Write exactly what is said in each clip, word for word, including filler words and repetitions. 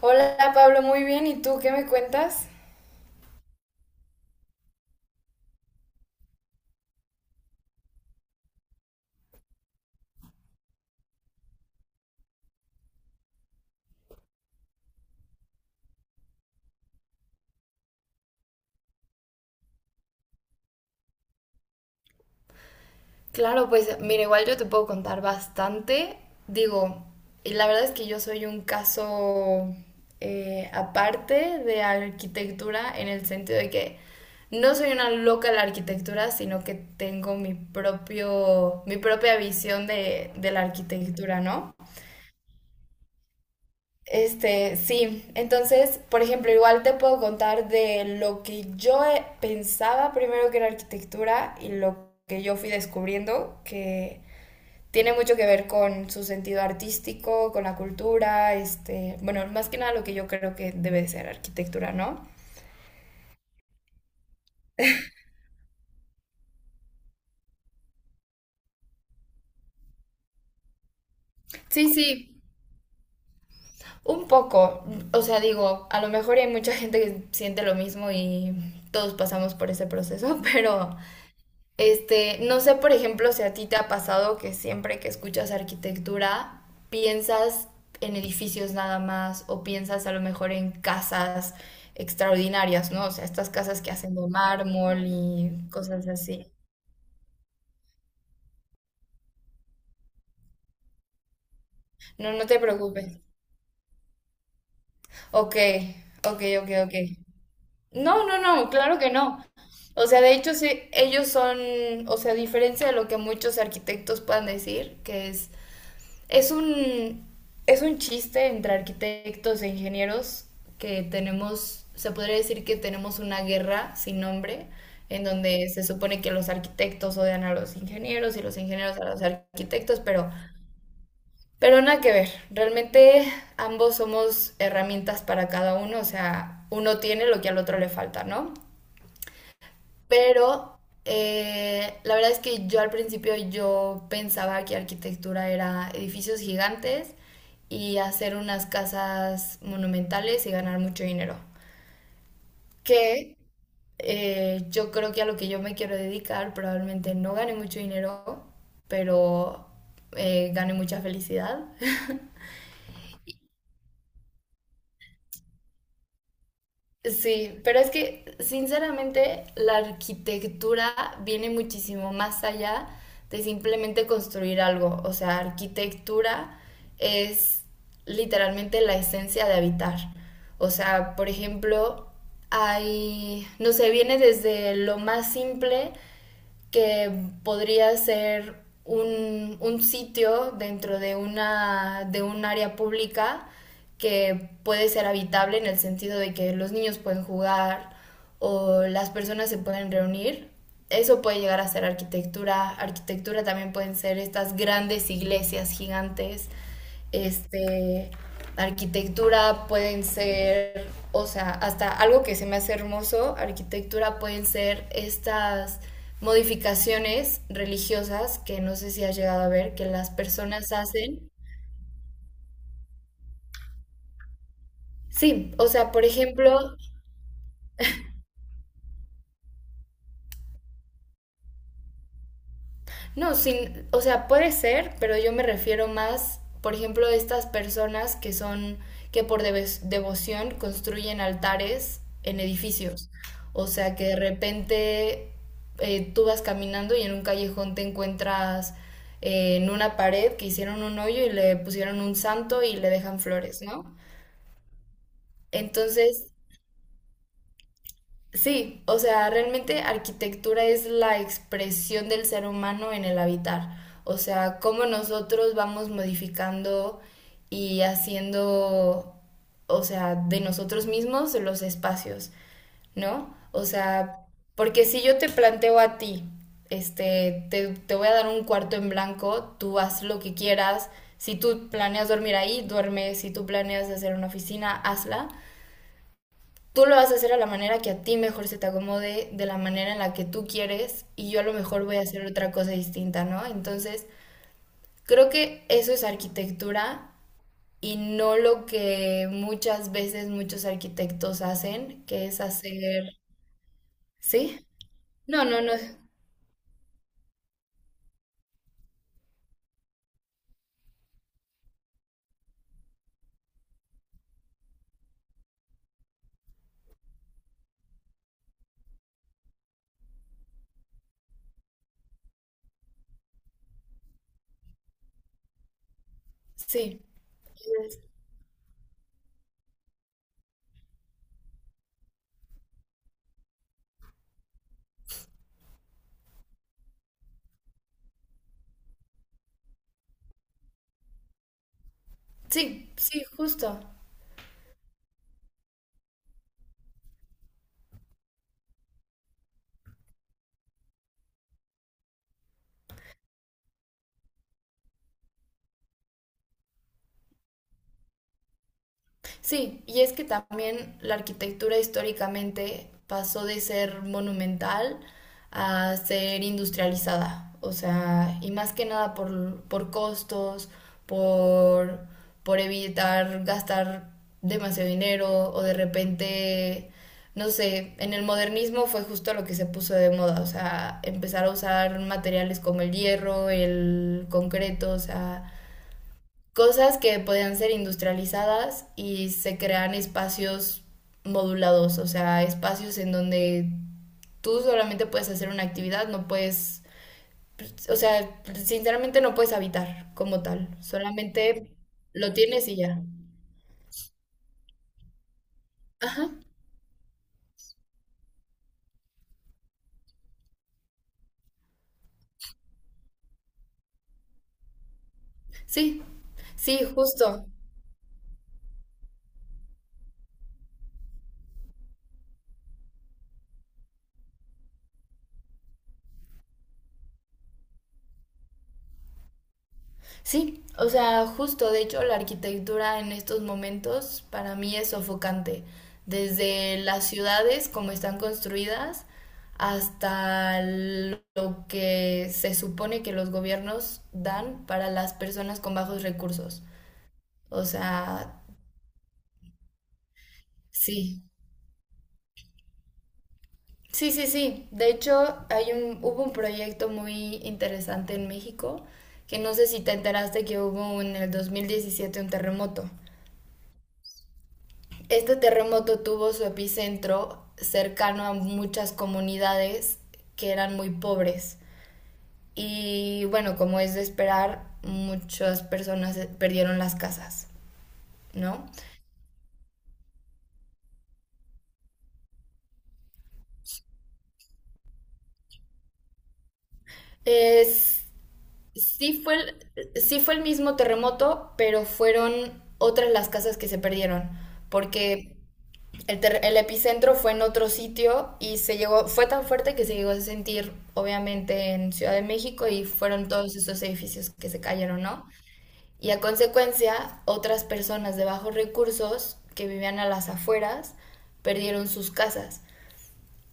Hola Pablo, muy bien. ¿Y tú qué me cuentas? Claro, pues mira, igual yo te puedo contar bastante. Digo, y la verdad es que yo soy un caso eh, aparte de arquitectura en el sentido de que no soy una loca de la arquitectura, sino que tengo mi propio, mi propia visión de, de la arquitectura, ¿no? Este, sí, entonces, por ejemplo, igual te puedo contar de lo que yo eh, pensaba primero que era arquitectura y lo que yo fui descubriendo, que tiene mucho que ver con su sentido artístico, con la cultura, este, bueno, más que nada lo que yo creo que debe de ser arquitectura, ¿no? Sí, sí. Un poco, o sea, digo, a lo mejor hay mucha gente que siente lo mismo y todos pasamos por ese proceso, pero este, no sé, por ejemplo, si a ti te ha pasado que siempre que escuchas arquitectura piensas en edificios nada más o piensas a lo mejor en casas extraordinarias, ¿no? O sea, estas casas que hacen de mármol y cosas así. No, no te preocupes. Ok, ok, ok, ok. No, no, no, claro que no. O sea, de hecho, sí, ellos son, o sea, a diferencia de lo que muchos arquitectos puedan decir, que es... Es un, es un chiste entre arquitectos e ingenieros que tenemos, se podría decir que tenemos una guerra sin nombre, en donde se supone que los arquitectos odian a los ingenieros y los ingenieros a los arquitectos, pero, pero nada que ver. Realmente ambos somos herramientas para cada uno, o sea, uno tiene lo que al otro le falta, ¿no? Pero eh, la verdad es que yo al principio yo pensaba que arquitectura era edificios gigantes y hacer unas casas monumentales y ganar mucho dinero. Que eh, yo creo que a lo que yo me quiero dedicar probablemente no gane mucho dinero, pero eh, gane mucha felicidad. Sí, pero es que sinceramente la arquitectura viene muchísimo más allá de simplemente construir algo. O sea, arquitectura es literalmente la esencia de habitar. O sea, por ejemplo, hay, no sé, viene desde lo más simple que podría ser un, un sitio dentro de, una, de un área pública que puede ser habitable en el sentido de que los niños pueden jugar o las personas se pueden reunir. Eso puede llegar a ser arquitectura. Arquitectura también pueden ser estas grandes iglesias gigantes, este, arquitectura pueden ser, o sea, hasta algo que se me hace hermoso, arquitectura pueden ser estas modificaciones religiosas que no sé si has llegado a ver, que las personas hacen. Sí, o sea, por ejemplo, no, sin, o sea, puede ser, pero yo me refiero más, por ejemplo, a estas personas que son, que por devo- devoción construyen altares en edificios. O sea, que de repente eh, tú vas caminando y en un callejón te encuentras eh, en una pared que hicieron un hoyo y le pusieron un santo y le dejan flores, ¿no? Entonces, sí, o sea, realmente arquitectura es la expresión del ser humano en el habitar. O sea, cómo nosotros vamos modificando y haciendo, o sea, de nosotros mismos los espacios, ¿no? O sea, porque si yo te planteo a ti, este, te, te voy a dar un cuarto en blanco, tú haz lo que quieras. Si tú planeas dormir ahí, duerme. Si tú planeas hacer una oficina, hazla. Tú lo vas a hacer a la manera que a ti mejor se te acomode, de la manera en la que tú quieres, y yo a lo mejor voy a hacer otra cosa distinta, ¿no? Entonces, creo que eso es arquitectura y no lo que muchas veces muchos arquitectos hacen, que es hacer... ¿Sí? No, no, no. Sí. Sí, sí, justo. Sí, y es que también la arquitectura históricamente pasó de ser monumental a ser industrializada, o sea, y más que nada por, por costos, por, por evitar gastar demasiado dinero o de repente, no sé, en el modernismo fue justo lo que se puso de moda, o sea, empezar a usar materiales como el hierro, el concreto, o sea, cosas que podían ser industrializadas y se crean espacios modulados, o sea, espacios en donde tú solamente puedes hacer una actividad, no puedes, o sea, sinceramente no puedes habitar como tal, solamente lo tienes y ya. Ajá, sí, sí, justo. Sí, o sea, justo, de hecho, la arquitectura en estos momentos para mí es sofocante. Desde las ciudades, como están construidas, hasta lo que se supone que los gobiernos dan para las personas con bajos recursos. O sea, sí. Sí, sí, sí. De hecho, hay un, hubo un proyecto muy interesante en México, que no sé si te enteraste que hubo en el dos mil diecisiete un terremoto. Este terremoto tuvo su epicentro cercano a muchas comunidades que eran muy pobres. Y bueno, como es de esperar, muchas personas perdieron las casas, ¿no? Es, sí, fue el, sí fue el mismo terremoto, pero fueron otras las casas que se perdieron, porque el, ter- el epicentro fue en otro sitio y se llegó, fue tan fuerte que se llegó a sentir, obviamente, en Ciudad de México y fueron todos esos edificios que se cayeron, ¿no? Y a consecuencia, otras personas de bajos recursos que vivían a las afueras perdieron sus casas.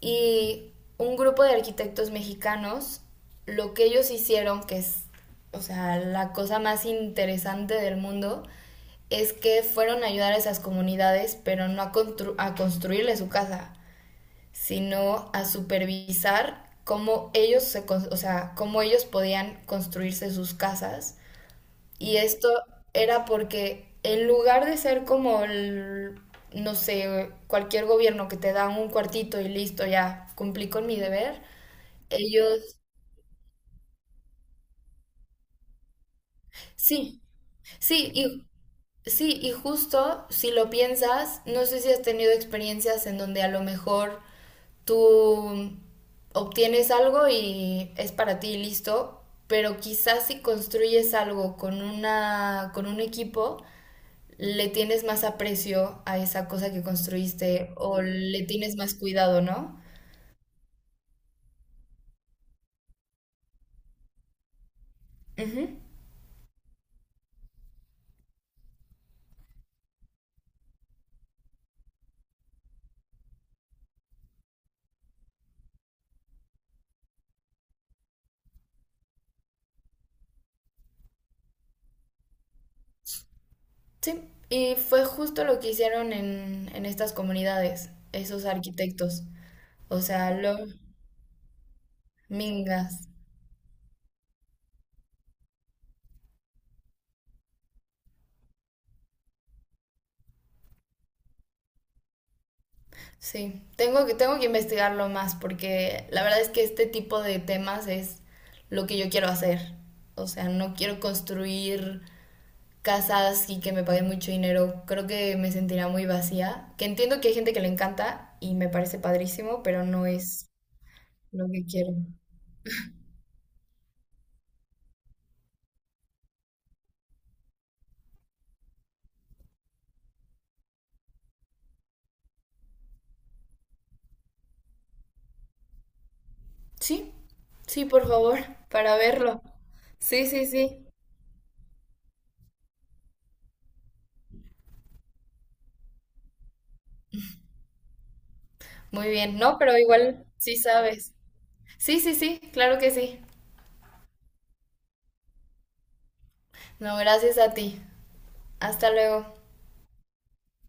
Y un grupo de arquitectos mexicanos, lo que ellos hicieron, que es, o sea, la cosa más interesante del mundo, es que fueron a ayudar a esas comunidades, pero no a, constru a construirle su casa, sino a supervisar cómo ellos, se, con o sea, cómo ellos podían construirse sus casas, y esto era porque en lugar de ser como el, no sé, cualquier gobierno que te da un cuartito y listo, ya cumplí con mi deber, ellos, sí, sí, y sí, y justo si lo piensas, no sé si has tenido experiencias en donde a lo mejor tú obtienes algo y es para ti y listo, pero quizás si construyes algo con una, con un equipo, le tienes más aprecio a esa cosa que construiste o le tienes más cuidado, ¿no? Ujú, sí, y fue justo lo que hicieron en, en estas comunidades, esos arquitectos. O sea, los mingas. Sí, tengo que, tengo que investigarlo más porque la verdad es que este tipo de temas es lo que yo quiero hacer. O sea, no quiero construir casas y que me paguen mucho dinero, creo que me sentiría muy vacía. Que entiendo que hay gente que le encanta y me parece padrísimo, pero no es lo que quiero. Sí, sí, por favor, para verlo. Sí, sí, sí. Muy bien, no, pero igual sí sabes. Sí, sí, sí, claro que sí. No, gracias a ti. Hasta luego.